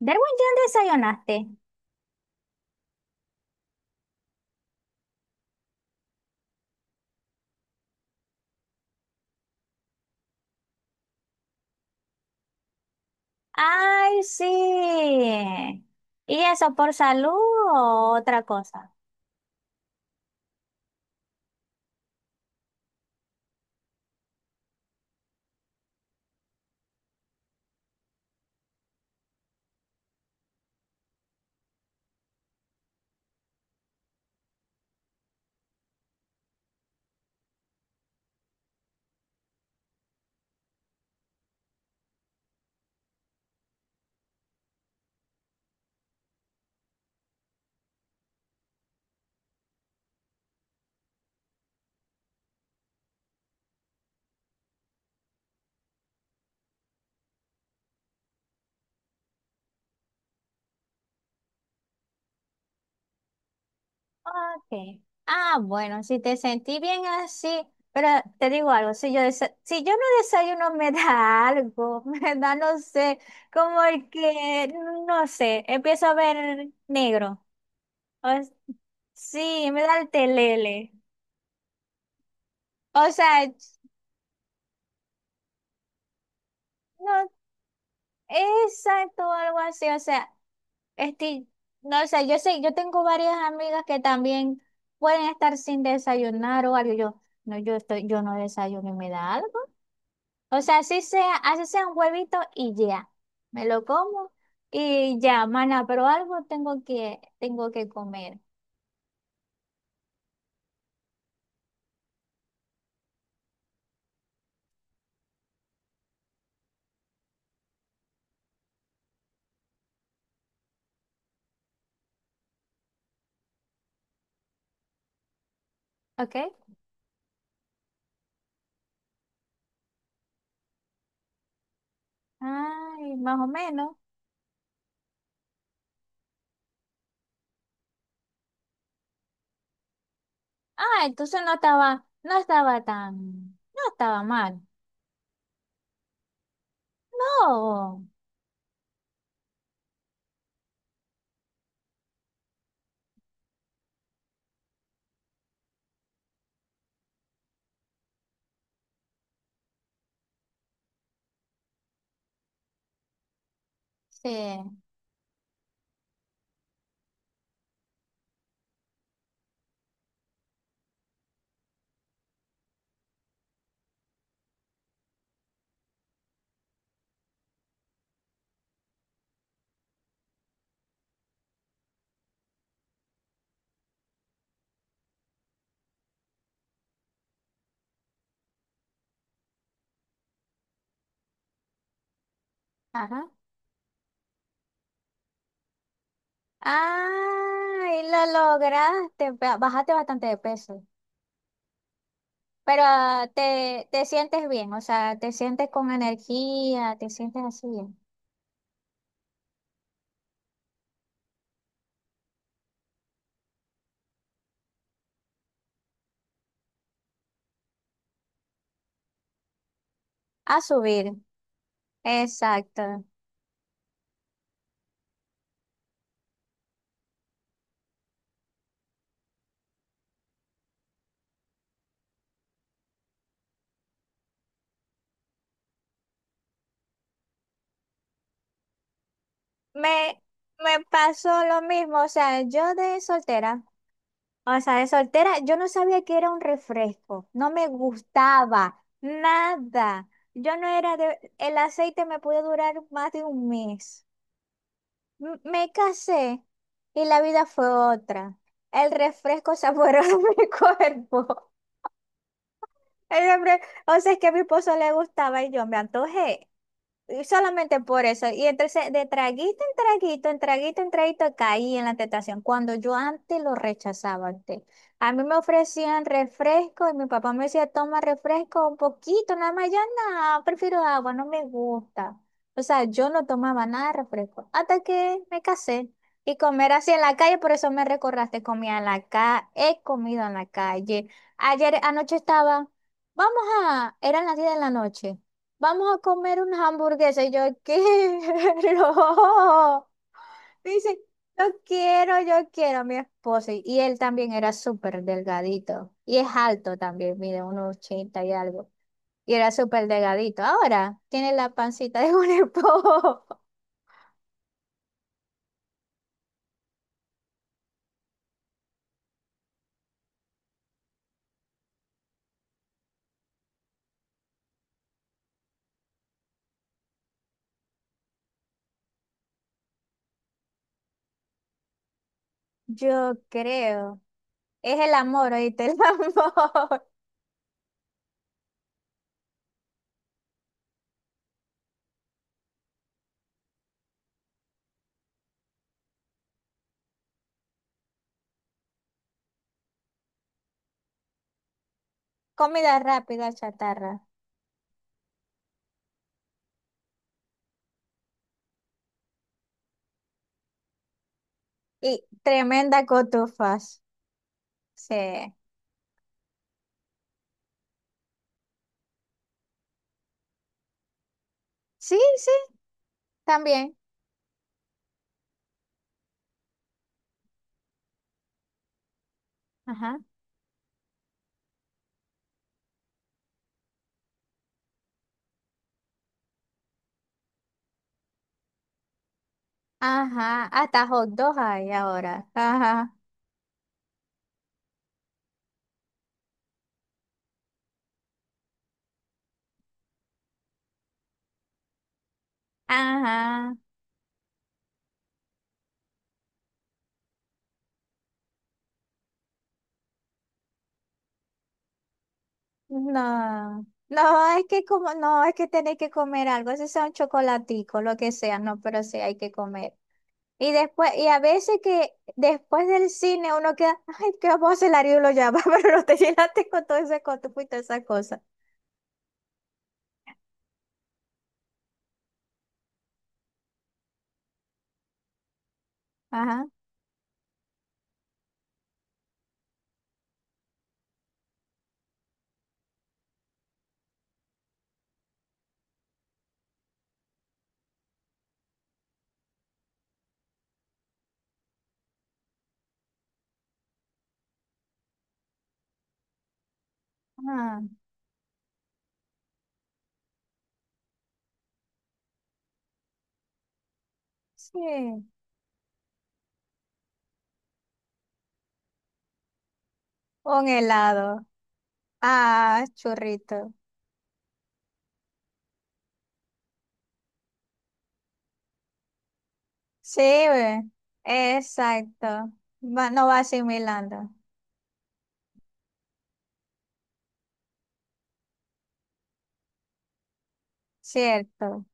Derwin, ¿ya desayunaste? Ay, sí. ¿Y eso por salud o otra cosa? Ok. Ah, bueno, si te sentí bien así, pero te digo algo, si yo no desayuno me da algo, me da, no sé, como el que, no sé, empiezo a ver negro. O s- sí, me da el telele. O sea, no, exacto, algo así. O sea, este, no sé, yo tengo varias amigas que también pueden estar sin desayunar o algo. Yo no desayuno y me da algo. O sea, así sea un huevito y ya. Me lo como y ya, mana, pero tengo que comer. ¿Ok? Ay, más o menos. Ah, no estaba mal. No. Sí. Ajá. Ay, y lo lograste, bajaste bastante de peso, pero ah, te sientes bien, o sea, te sientes con energía, te sientes así bien. A subir, exacto. Me, me pasó lo mismo, o sea, de soltera, yo no sabía que era un refresco, no me gustaba nada. Yo no era de, el aceite me pudo durar más de un mes. Me casé y la vida fue otra. El refresco saboreó mi cuerpo. El refre- o sea, es que a mi esposo le gustaba y yo me antojé. Y solamente por eso. Y entonces de traguito en traguito, en traguito en traguito caí en la tentación. Cuando yo antes lo rechazaba antes. A mí me ofrecían refresco y mi papá me decía, toma refresco un poquito, nada más. Yo no, prefiero agua, no me gusta. O sea, yo no tomaba nada de refresco hasta que me casé. Y comer así en la calle, por eso me recordaste, comía en la calle, he comido en la calle. Ayer, vamos a, eran las 10 de la noche, vamos a comer unas hamburguesas. Y yo quiero. Dice, yo quiero a mi esposo. Y él también era súper delgadito. Y es alto también, mide unos 80 y algo. Y era súper delgadito. Ahora tiene la pancita de un esposo. Yo creo. Es el amor, oíste, el amor. Comida rápida, chatarra. Y tremenda cotufas. Sí. Sí, sí, también. Ajá. Ajá, hasta hot dog hay ahora. Ajá, ajá. No, no, es que como, no, es que tenéis que comer algo, si sea un chocolatico, lo que sea, no, pero sí hay que comer. Y después, y a veces que después del cine uno queda, ay, qué vamos a hacer la lo llama, pero no te llenaste con todo ese cotupo y toda esa cosa. Ajá, ajá, sí. Un helado. Ah, churrito. Sí, ve. Exacto. No va asimilando. Cierto.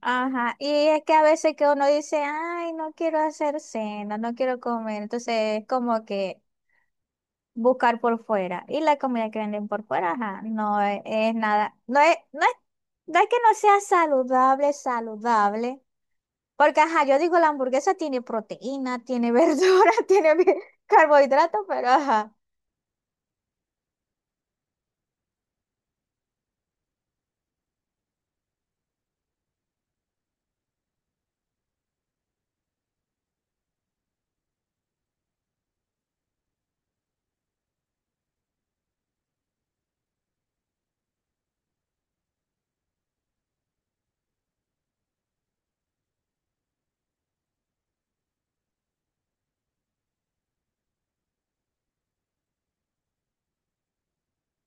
Ajá. Y es que a veces que uno dice, ay, no quiero hacer cena, no quiero comer. Entonces es como que buscar por fuera. Y la comida que venden por fuera, ajá, no es, es nada, no es, no es, no es que no sea saludable, saludable. Porque, ajá, yo digo, la hamburguesa tiene proteína, tiene verdura, carbohidratos, pero ajá.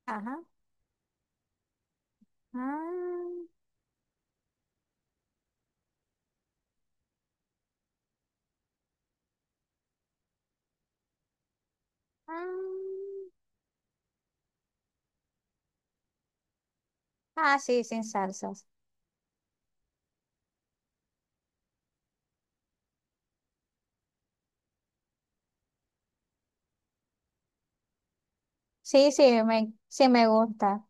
Ajá. Ah, ah, ah, sí, sin salsas. Sí me gusta.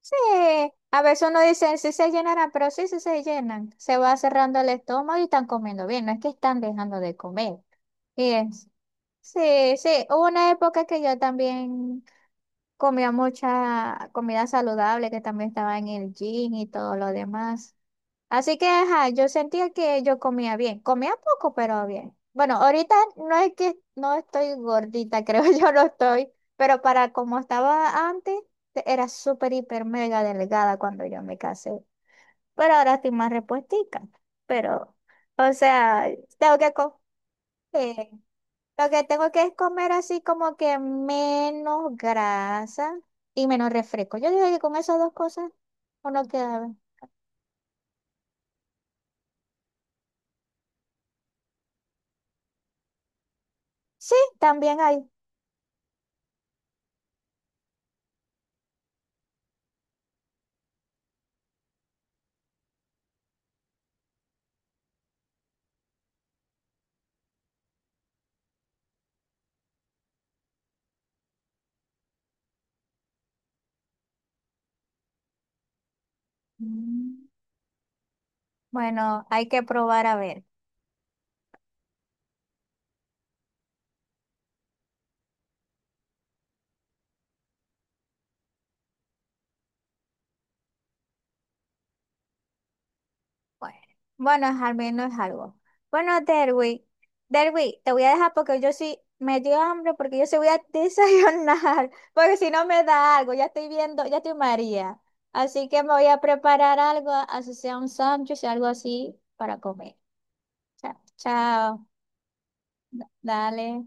Sí, a veces uno dice, sí se llenarán, pero sí, sí se llenan. Se va cerrando el estómago y están comiendo bien, no es que están dejando de comer. Y es, sí, sí, hubo una época que yo también comía mucha comida saludable, que también estaba en el gym y todo lo demás. Así que, ajá, yo sentía que yo comía bien. Comía poco, pero bien. Bueno, ahorita no es que no estoy gordita, creo yo no estoy, pero para como estaba antes, era súper, hiper, mega delgada cuando yo me casé. Pero ahora estoy más repuestica. Pero, o sea, tengo que co- eh, lo que tengo que es comer así como que menos grasa y menos refresco. Yo digo que con esas dos cosas uno queda bien. Sí, también hay. Mm. Bueno, hay que probar a ver. Bueno, bueno, al menos es algo. Bueno, Derwi, te voy a dejar porque yo sí me dio hambre porque yo sí voy a desayunar, porque si no me da algo, ya estoy viendo, ya estoy María. Así que me voy a preparar algo, así sea un sándwich, algo así para comer. Chao, chao. Dale.